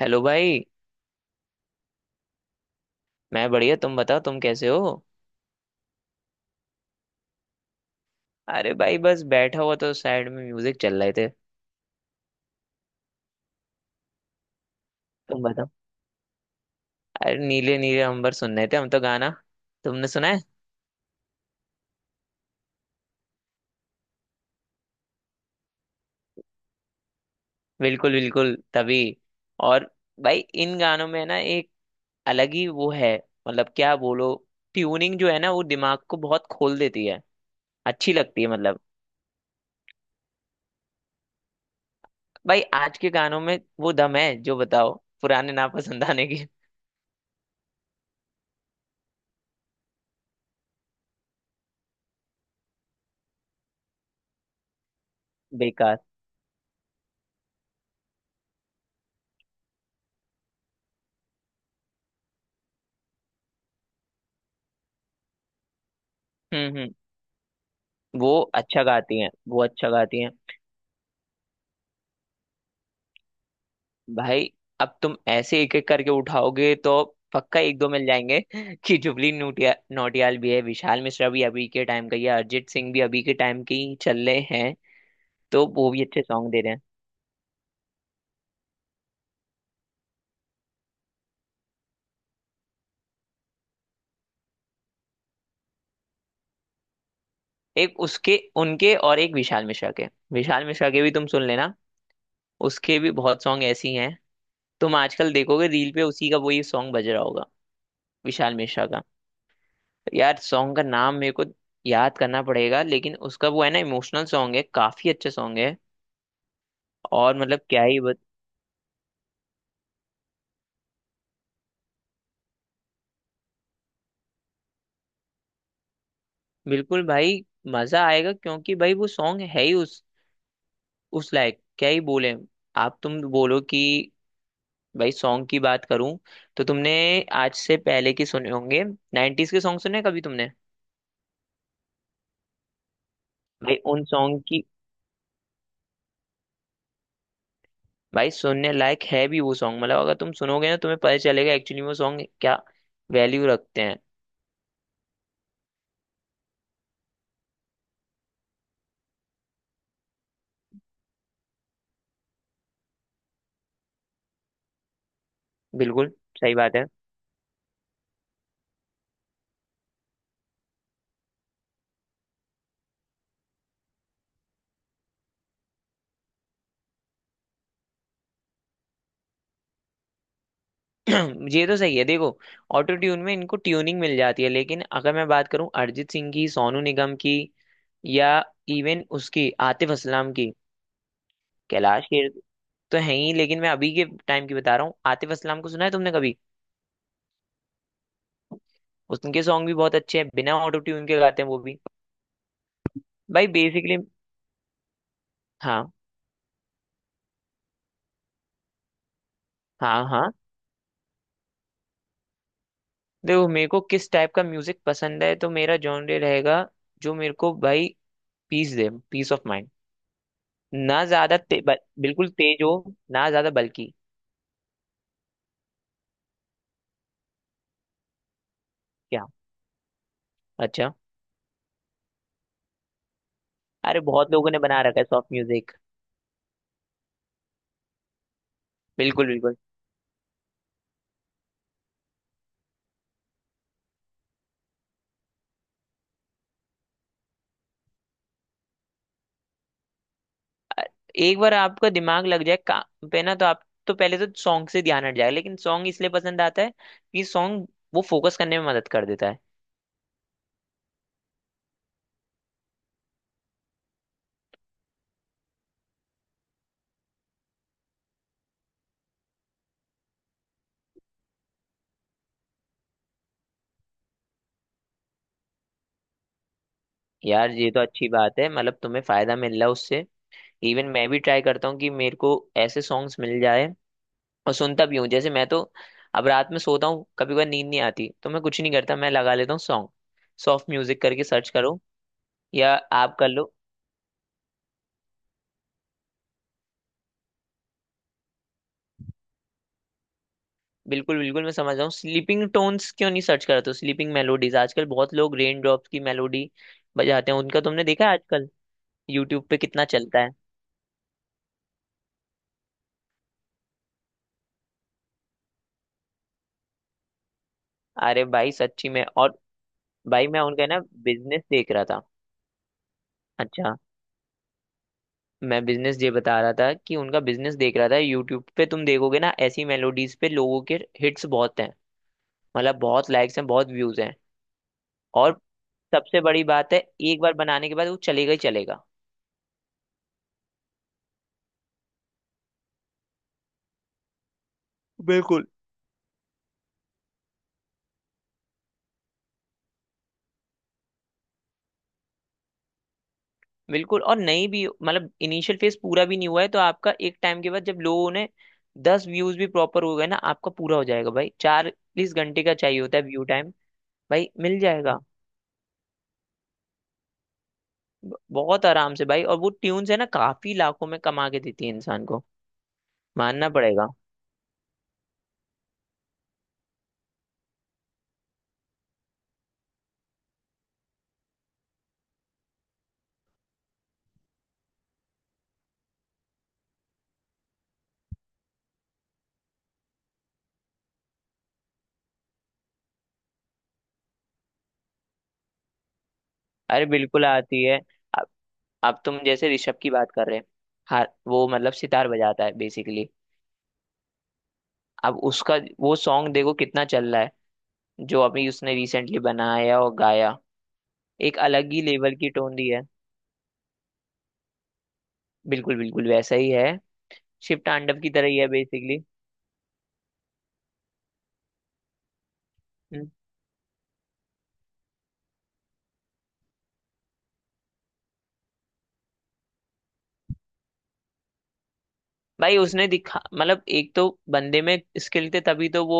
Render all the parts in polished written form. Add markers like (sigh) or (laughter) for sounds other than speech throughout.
Hello भाई। मैं बढ़िया, तुम बताओ, तुम कैसे हो? अरे भाई, बस बैठा हुआ तो साइड में म्यूजिक चल रहे थे। तुम बताओ। अरे नीले नीले अंबर सुन रहे थे हम तो गाना। तुमने सुना है? बिल्कुल बिल्कुल तभी। और भाई इन गानों में ना एक अलग ही वो है, मतलब क्या बोलो, ट्यूनिंग जो है ना वो दिमाग को बहुत खोल देती है। अच्छी लगती है मतलब। भाई आज के गानों में वो दम है जो बताओ, पुराने नापसंद आने की। बेकार। हम्म। वो अच्छा गाती हैं, वो अच्छा गाती हैं। भाई अब तुम ऐसे एक एक करके उठाओगे तो पक्का एक दो मिल जाएंगे (laughs) कि जुबली नोटिया नौटियाल भी है, विशाल मिश्रा भी अभी के टाइम का ही है, अरिजीत सिंह भी अभी के टाइम के ही चल रहे हैं, तो वो भी अच्छे सॉन्ग दे रहे हैं। एक उसके उनके और एक विशाल मिश्रा के, विशाल मिश्रा के भी तुम सुन लेना, उसके भी बहुत सॉन्ग ऐसे ही हैं। तुम आजकल देखोगे रील पे उसी का वही सॉन्ग बज रहा होगा। विशाल मिश्रा का। यार सॉन्ग का नाम मेरे को याद करना पड़ेगा, लेकिन उसका वो है ना, इमोशनल सॉन्ग है, काफी अच्छा सॉन्ग है। और मतलब क्या ही। बिल्कुल भाई। मजा आएगा, क्योंकि भाई वो सॉन्ग है ही उस लायक, क्या ही बोले। आप तुम बोलो कि भाई सॉन्ग की बात करूं, तो तुमने आज से पहले की सुने होंगे? 90s के सॉन्ग सुने कभी तुमने? भाई उन सॉन्ग की, भाई सुनने लायक है भी वो सॉन्ग। मतलब अगर तुम सुनोगे ना तुम्हें पता चलेगा एक्चुअली वो सॉन्ग क्या वैल्यू रखते हैं। बिल्कुल, सही बात है। (clears throat) ये तो सही है, देखो ऑटो ट्यून में इनको ट्यूनिंग मिल जाती है, लेकिन अगर मैं बात करूं अरिजीत सिंह की, सोनू निगम की, या इवन उसकी आतिफ असलाम की, कैलाश खेर तो है ही, लेकिन मैं अभी के टाइम की बता रहा हूँ। आतिफ असलाम को सुना है तुमने कभी? उनके सॉन्ग भी बहुत अच्छे हैं, बिना ऑटो ट्यून के गाते हैं वो भी। भाई बेसिकली, हाँ हाँ हाँ, देखो मेरे को किस टाइप का म्यूजिक पसंद है तो मेरा जॉनर रहेगा, जो मेरे को भाई पीस दे, पीस ऑफ माइंड। ना ज्यादा बिल्कुल तेज हो, ना ज्यादा बल्कि। क्या? अच्छा। अरे बहुत लोगों ने बना रखा है सॉफ्ट म्यूजिक। बिल्कुल बिल्कुल। अ- एक बार आपका दिमाग लग जाए काम पे ना, तो आप तो पहले तो सॉन्ग से ध्यान हट जाएगा, लेकिन सॉन्ग इसलिए पसंद आता है कि सॉन्ग वो फोकस करने में मदद कर देता है। यार ये तो अच्छी बात है, मतलब तुम्हें फायदा मिल रहा है उससे। इवन मैं भी ट्राई करता हूँ कि मेरे को ऐसे सॉन्ग्स मिल जाए और सुनता भी हूँ। जैसे मैं तो अब रात में सोता हूँ, कभी कभी नींद नहीं आती तो मैं कुछ नहीं करता, मैं लगा लेता हूँ सॉन्ग, सॉफ्ट म्यूजिक करके सर्च करो या आप कर लो। बिल्कुल बिल्कुल, मैं समझ रहा हूँ। स्लीपिंग टोन्स क्यों नहीं सर्च करा, तो स्लीपिंग मेलोडीज आजकल बहुत लोग रेन ड्रॉप्स की मेलोडी बजाते हैं। उनका तुमने देखा है आजकल यूट्यूब पे कितना चलता है? अरे भाई सच्ची में। और भाई मैं उनका ना बिजनेस देख रहा था। अच्छा, मैं बिजनेस ये बता रहा था कि उनका बिजनेस देख रहा था, यूट्यूब पे तुम देखोगे ना ऐसी मेलोडीज पे लोगों के हिट्स बहुत हैं, मतलब बहुत लाइक्स हैं, बहुत व्यूज हैं। और सबसे बड़ी बात है, एक बार बनाने के बाद वो चलेगा ही चलेगा। बिल्कुल, और नहीं भी, मतलब इनिशियल फेज पूरा भी नहीं हुआ है तो आपका एक टाइम के बाद जब लोगों ने 10 व्यूज भी प्रॉपर हो गए ना आपका पूरा हो जाएगा भाई, 40 घंटे का चाहिए होता है व्यू टाइम। भाई मिल जाएगा। बहुत आराम से भाई, और वो ट्यून्स है ना काफी लाखों में कमा के देती है इंसान को, मानना पड़ेगा। अरे बिल्कुल आती है। अब अब तुम जैसे ऋषभ की बात कर रहे हैं। हाँ वो मतलब सितार बजाता है बेसिकली। अब उसका वो सॉन्ग देखो कितना चल रहा है, जो अभी उसने रिसेंटली बनाया और गाया, एक अलग ही लेवल की टोन दी है। बिल्कुल बिल्कुल, वैसा ही है, शिव तांडव की तरह ही है बेसिकली। भाई उसने दिखा, मतलब एक तो बंदे में स्किल थे, तभी तो वो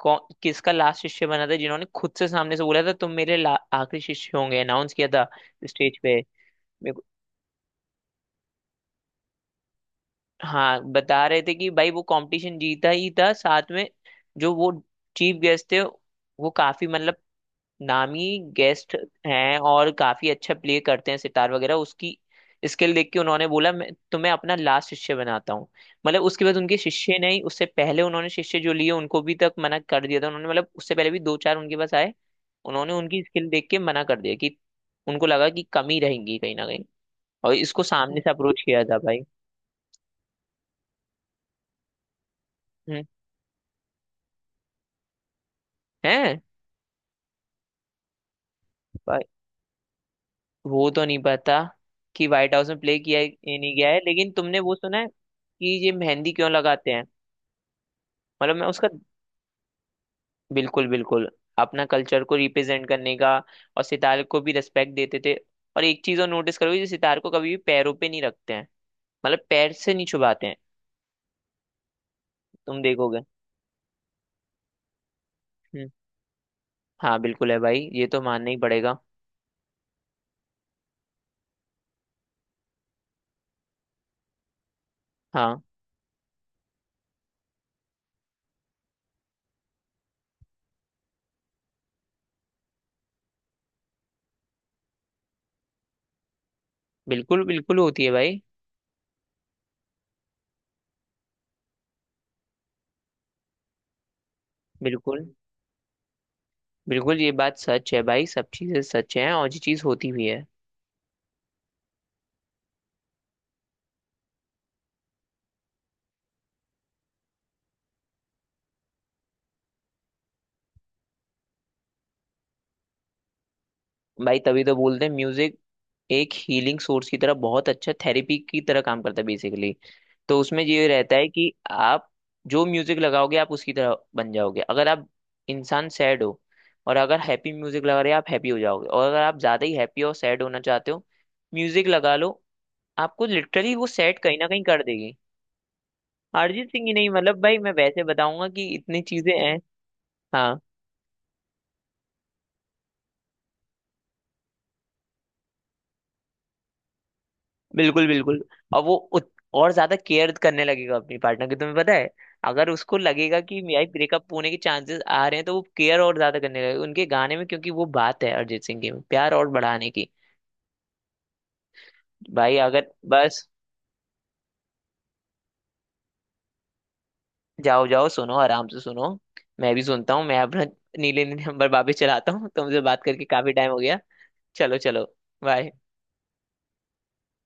किसका लास्ट शिष्य बना था, जिन्होंने खुद से सामने से बोला था तुम मेरे आखिरी शिष्य होंगे, अनाउंस किया था स्टेज पे। मेरे को- हाँ बता रहे थे कि भाई वो कंपटीशन जीता ही था साथ में, जो वो चीफ गेस्ट थे वो काफी मतलब नामी गेस्ट हैं और काफी अच्छा प्ले करते हैं सितार वगैरह। उसकी स्किल देख के उन्होंने बोला मैं तुम्हें अपना लास्ट शिष्य बनाता हूँ, मतलब उसके बाद उनके शिष्य नहीं, उससे पहले उन्होंने शिष्य जो लिए उनको भी तक मना कर दिया था उन्होंने, मतलब उससे पहले भी दो चार उनके पास आए, उन्होंने उनकी स्किल देख के मना कर दिया कि उनको लगा कि कमी रहेंगी कहीं ना कहीं, और इसको सामने से अप्रोच किया था भाई। हम्म। है भाई, वो तो नहीं पता कि व्हाइट हाउस में प्ले किया है कि नहीं गया है, लेकिन तुमने वो सुना है कि ये मेहंदी क्यों लगाते हैं? मतलब मैं उसका, बिल्कुल बिल्कुल, अपना कल्चर को रिप्रेजेंट करने का, और सितार को भी रिस्पेक्ट देते थे, और एक चीज और नोटिस करोगे जो सितार को कभी भी पैरों पे नहीं रखते हैं, मतलब पैर से नहीं छुपाते हैं, तुम देखोगे। हम्म। हाँ बिल्कुल है भाई, ये तो मानना ही पड़ेगा। हाँ बिल्कुल बिल्कुल होती है भाई। बिल्कुल बिल्कुल ये बात सच है भाई, सब चीजें सच हैं, और ये चीज होती भी है। भाई तभी तो बोलते हैं म्यूजिक एक हीलिंग सोर्स की तरह, बहुत अच्छा थेरेपी की तरह काम करता है बेसिकली। तो उसमें ये रहता है कि आप जो म्यूजिक लगाओगे आप उसकी तरह बन जाओगे, अगर आप इंसान सैड हो और अगर हैप्पी म्यूजिक लगा रहे हो आप हैप्पी हो जाओगे, और अगर आप ज्यादा ही हैप्पी और सैड होना चाहते हो म्यूजिक लगा लो आपको लिटरली वो सैड कहीं ना कहीं कर देगी। अरिजीत सिंह ही नहीं, मतलब भाई मैं वैसे बताऊंगा कि इतनी चीजें हैं। हाँ। बिल्कुल बिल्कुल, और वो और ज्यादा केयर करने लगेगा अपनी पार्टनर की, तुम्हें पता है अगर उसको लगेगा कि मेरा ब्रेकअप होने के चांसेस आ रहे हैं तो वो केयर और ज्यादा करने लगेगा उनके गाने में, क्योंकि वो बात है अरिजीत सिंह की प्यार और बढ़ाने की। भाई अगर बस, जाओ जाओ सुनो आराम से सुनो, मैं भी सुनता हूँ मैं अपना नीले नीले नंबर वापस चलाता हूँ, तुमसे बात करके काफी टाइम हो गया। चलो चलो। बाय।